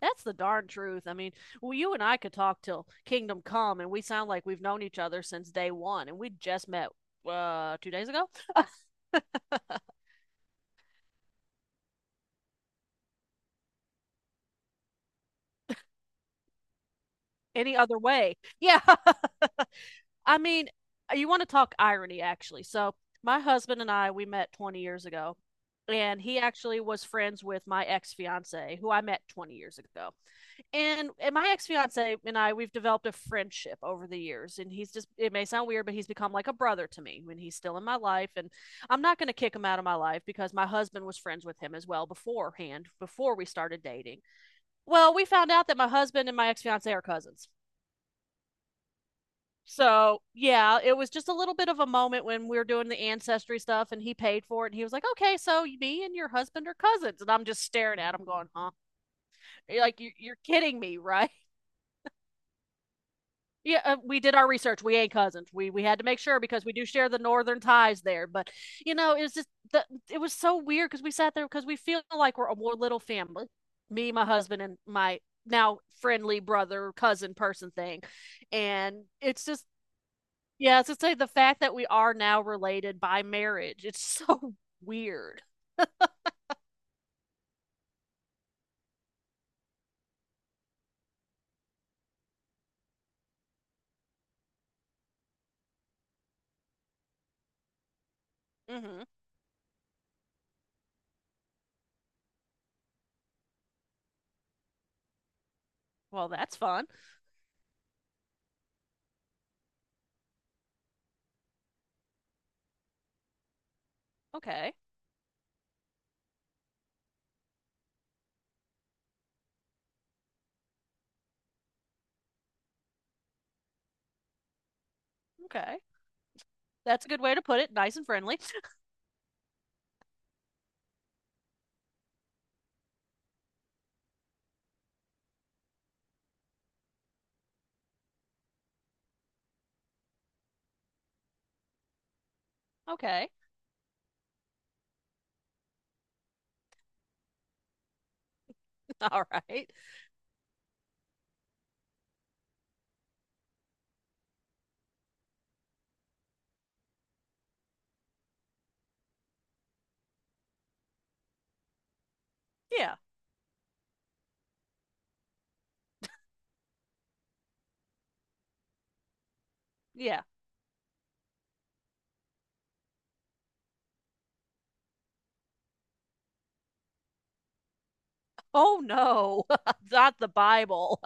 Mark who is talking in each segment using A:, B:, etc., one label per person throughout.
A: That's the darn truth. I mean, well, you and I could talk till kingdom come, and we sound like we've known each other since day one, and we just met 2 days ago. Any other way? Yeah. I mean, you want to talk irony, actually. So my husband and I we met 20 years ago, and he actually was friends with my ex fiance, who I met 20 years ago. And my ex fiance and I we've developed a friendship over the years, and he's just it may sound weird, but he's become like a brother to me when he's still in my life, and I'm not going to kick him out of my life because my husband was friends with him as well beforehand before we started dating. Well, we found out that my husband and my ex fiance are cousins. So yeah, it was just a little bit of a moment when we were doing the ancestry stuff, and he paid for it, and he was like, "Okay, so me and your husband are cousins," and I'm just staring at him, going, "Huh?" You're like, "You're kidding me, right?" Yeah, we did our research. We ain't cousins. We had to make sure because we do share the northern ties there. But it's just the it was so weird because we sat there because we feel like we're a more little family. Me, my husband, and my now friendly brother cousin person thing, and it's just yeah, it's just like the fact that we are now related by marriage. It's so weird. Hmm. Well, that's fun. Okay, okay, that's a good way to put it. Nice and friendly. Okay, all right. Yeah, yeah. Oh no, not the Bible.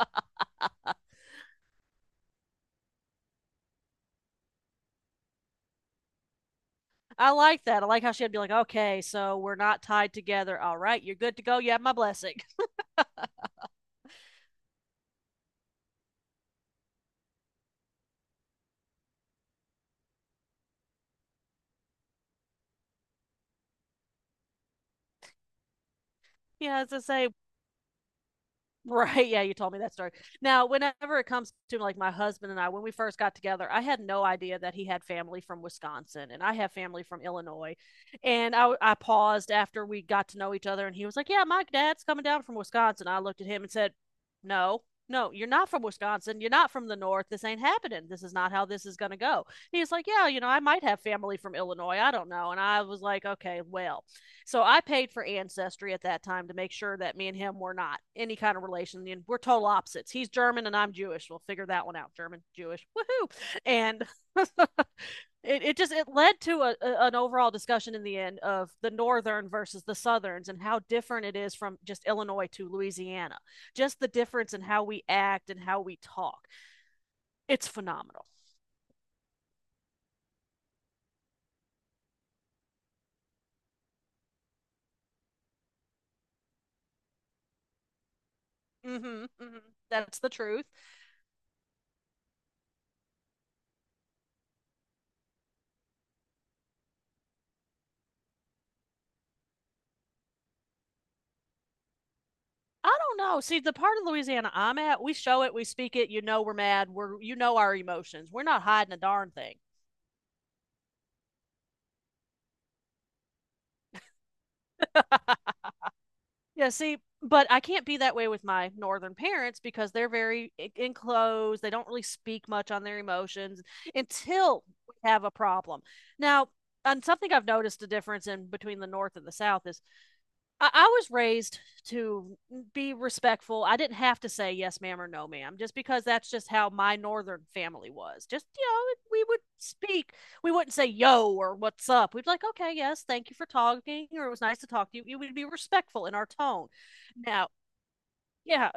A: I like that. I like how she had to be like, okay, so we're not tied together. All right, you're good to go. You have my blessing. Yeah, as I say, right. Yeah, you told me that story. Now, whenever it comes to like my husband and I, when we first got together, I had no idea that he had family from Wisconsin and I have family from Illinois. And I paused after we got to know each other and he was like, yeah, my dad's coming down from Wisconsin. I looked at him and said, no, no, you're not from Wisconsin. You're not from the North. This ain't happening. This is not how this is going to go. He's like, yeah, I might have family from Illinois. I don't know. And I was like, okay, well. So I paid for ancestry at that time to make sure that me and him were not any kind of relation. And we're total opposites. He's German and I'm Jewish. We'll figure that one out. German, Jewish, woohoo! And it, it just it led to an overall discussion in the end of the northern versus the southerns and how different it is from just Illinois to Louisiana. Just the difference in how we act and how we talk. It's phenomenal. Hmm, hmm. That's the truth. I don't know. See, the part of Louisiana I'm at, we show it, we speak it, you know we're mad, we're you know our emotions. We're not hiding a darn thing. Yeah, see, but I can't be that way with my northern parents because they're very enclosed. They don't really speak much on their emotions until we have a problem. Now, and something I've noticed a difference in between the north and the south is I was raised to be respectful. I didn't have to say yes, ma'am, or no, ma'am, just because that's just how my northern family was. Just, we would speak. We wouldn't say yo or what's up. We'd like, okay, yes, thank you for talking, or it was nice to talk to you. We would be respectful in our tone. Now, yeah,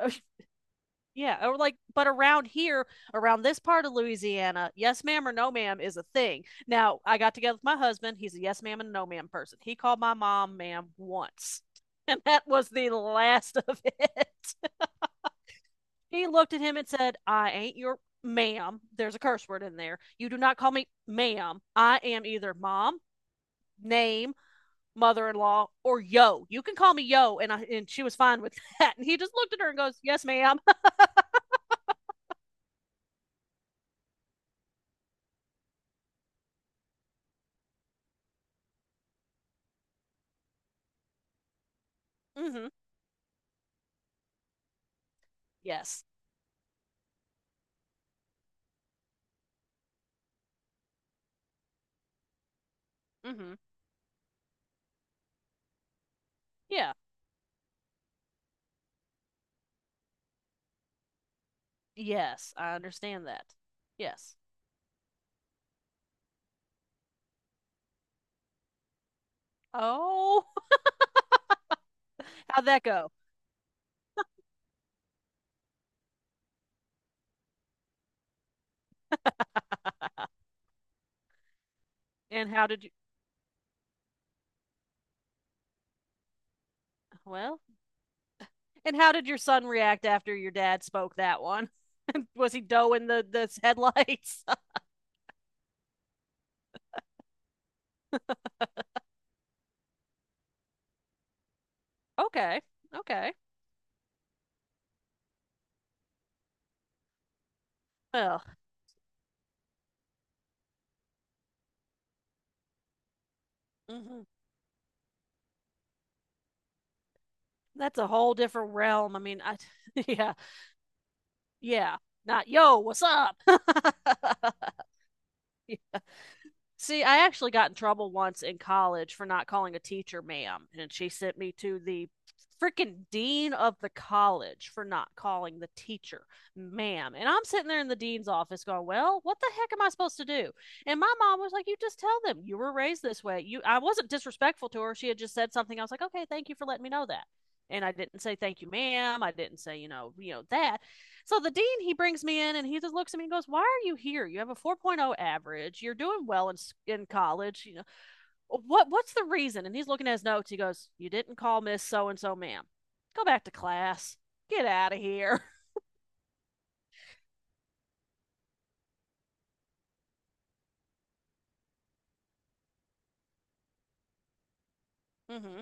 A: yeah, or like, but around here, around this part of Louisiana, yes ma'am or no ma'am is a thing. Now, I got together with my husband. He's a yes ma'am and no ma'am person. He called my mom ma'am once, and that was the last of it. He looked at him and said, I ain't your ma'am. There's a curse word in there. You do not call me ma'am. I am either mom, name, mother in law, or yo. You can call me yo. And she was fine with that. And he just looked at her and goes, yes, ma'am. Mm hmm. Yes. Mm hmm. Yeah. Yes, I understand that. Yes. Oh, how'd that go? And well, and how did your son react after your dad spoke that one? Was he doing the headlights? Okay. Okay. Well, mhm. That's a whole different realm. I mean, I yeah. Yeah. Not yo, what's up? Yeah. See, I actually got in trouble once in college for not calling a teacher ma'am, and she sent me to the freaking dean of the college for not calling the teacher ma'am. And I'm sitting there in the dean's office going, "Well, what the heck am I supposed to do?" And my mom was like, "You just tell them you were raised this way." You I wasn't disrespectful to her. She had just said something. I was like, "Okay, thank you for letting me know that." And I didn't say thank you, ma'am. I didn't say, you know that. So the dean, he brings me in and he just looks at me and goes, why are you here? You have a 4.0 average. You're doing well in college. Oh, what's the reason? And he's looking at his notes. He goes, you didn't call Miss So and so, ma'am. Go back to class. Get out of here. Hmm.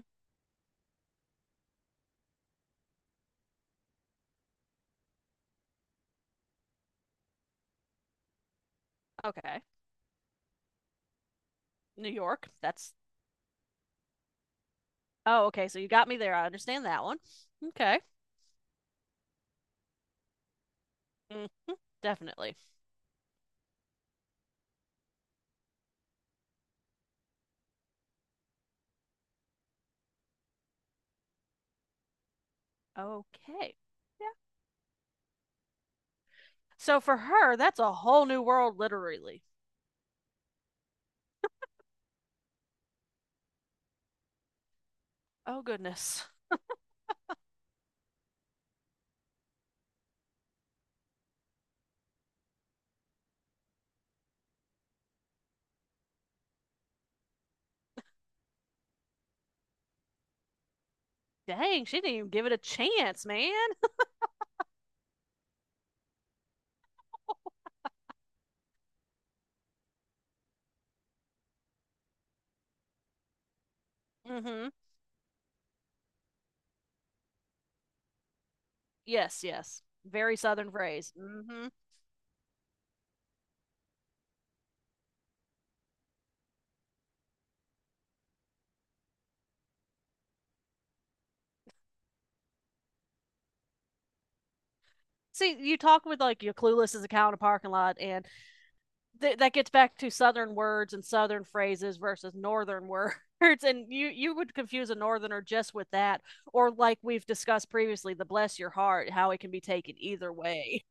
A: Okay. New York. Oh, okay. So you got me there. I understand that one. Okay. Mm, definitely. Okay. Yeah. So for her, that's a whole new world, literally. Oh, goodness. Dang, she didn't even give it a chance, man. Mm hmm. Yes, yes. Very southern phrase. Mm-hmm. See, you talk with like your clueless as a cow in a parking lot, and that gets back to southern words and southern phrases versus northern words. And you would confuse a northerner just with that, or like we've discussed previously, the bless your heart, how it can be taken either way.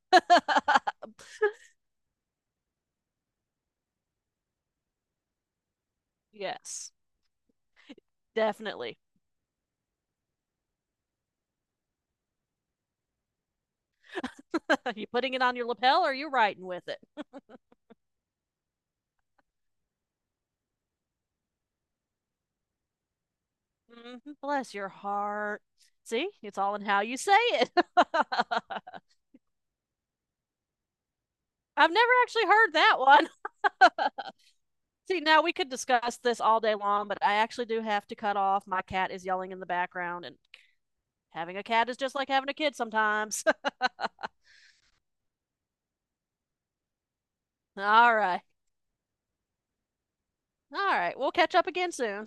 A: Yes, definitely. Are you putting it on your lapel, or are you writing with it? Mm-hmm. Bless your heart. See, it's all in how you say it. I've never actually heard that one. See, now we could discuss this all day long, but I actually do have to cut off. My cat is yelling in the background, and having a cat is just like having a kid sometimes. All right. All right. We'll catch up again soon.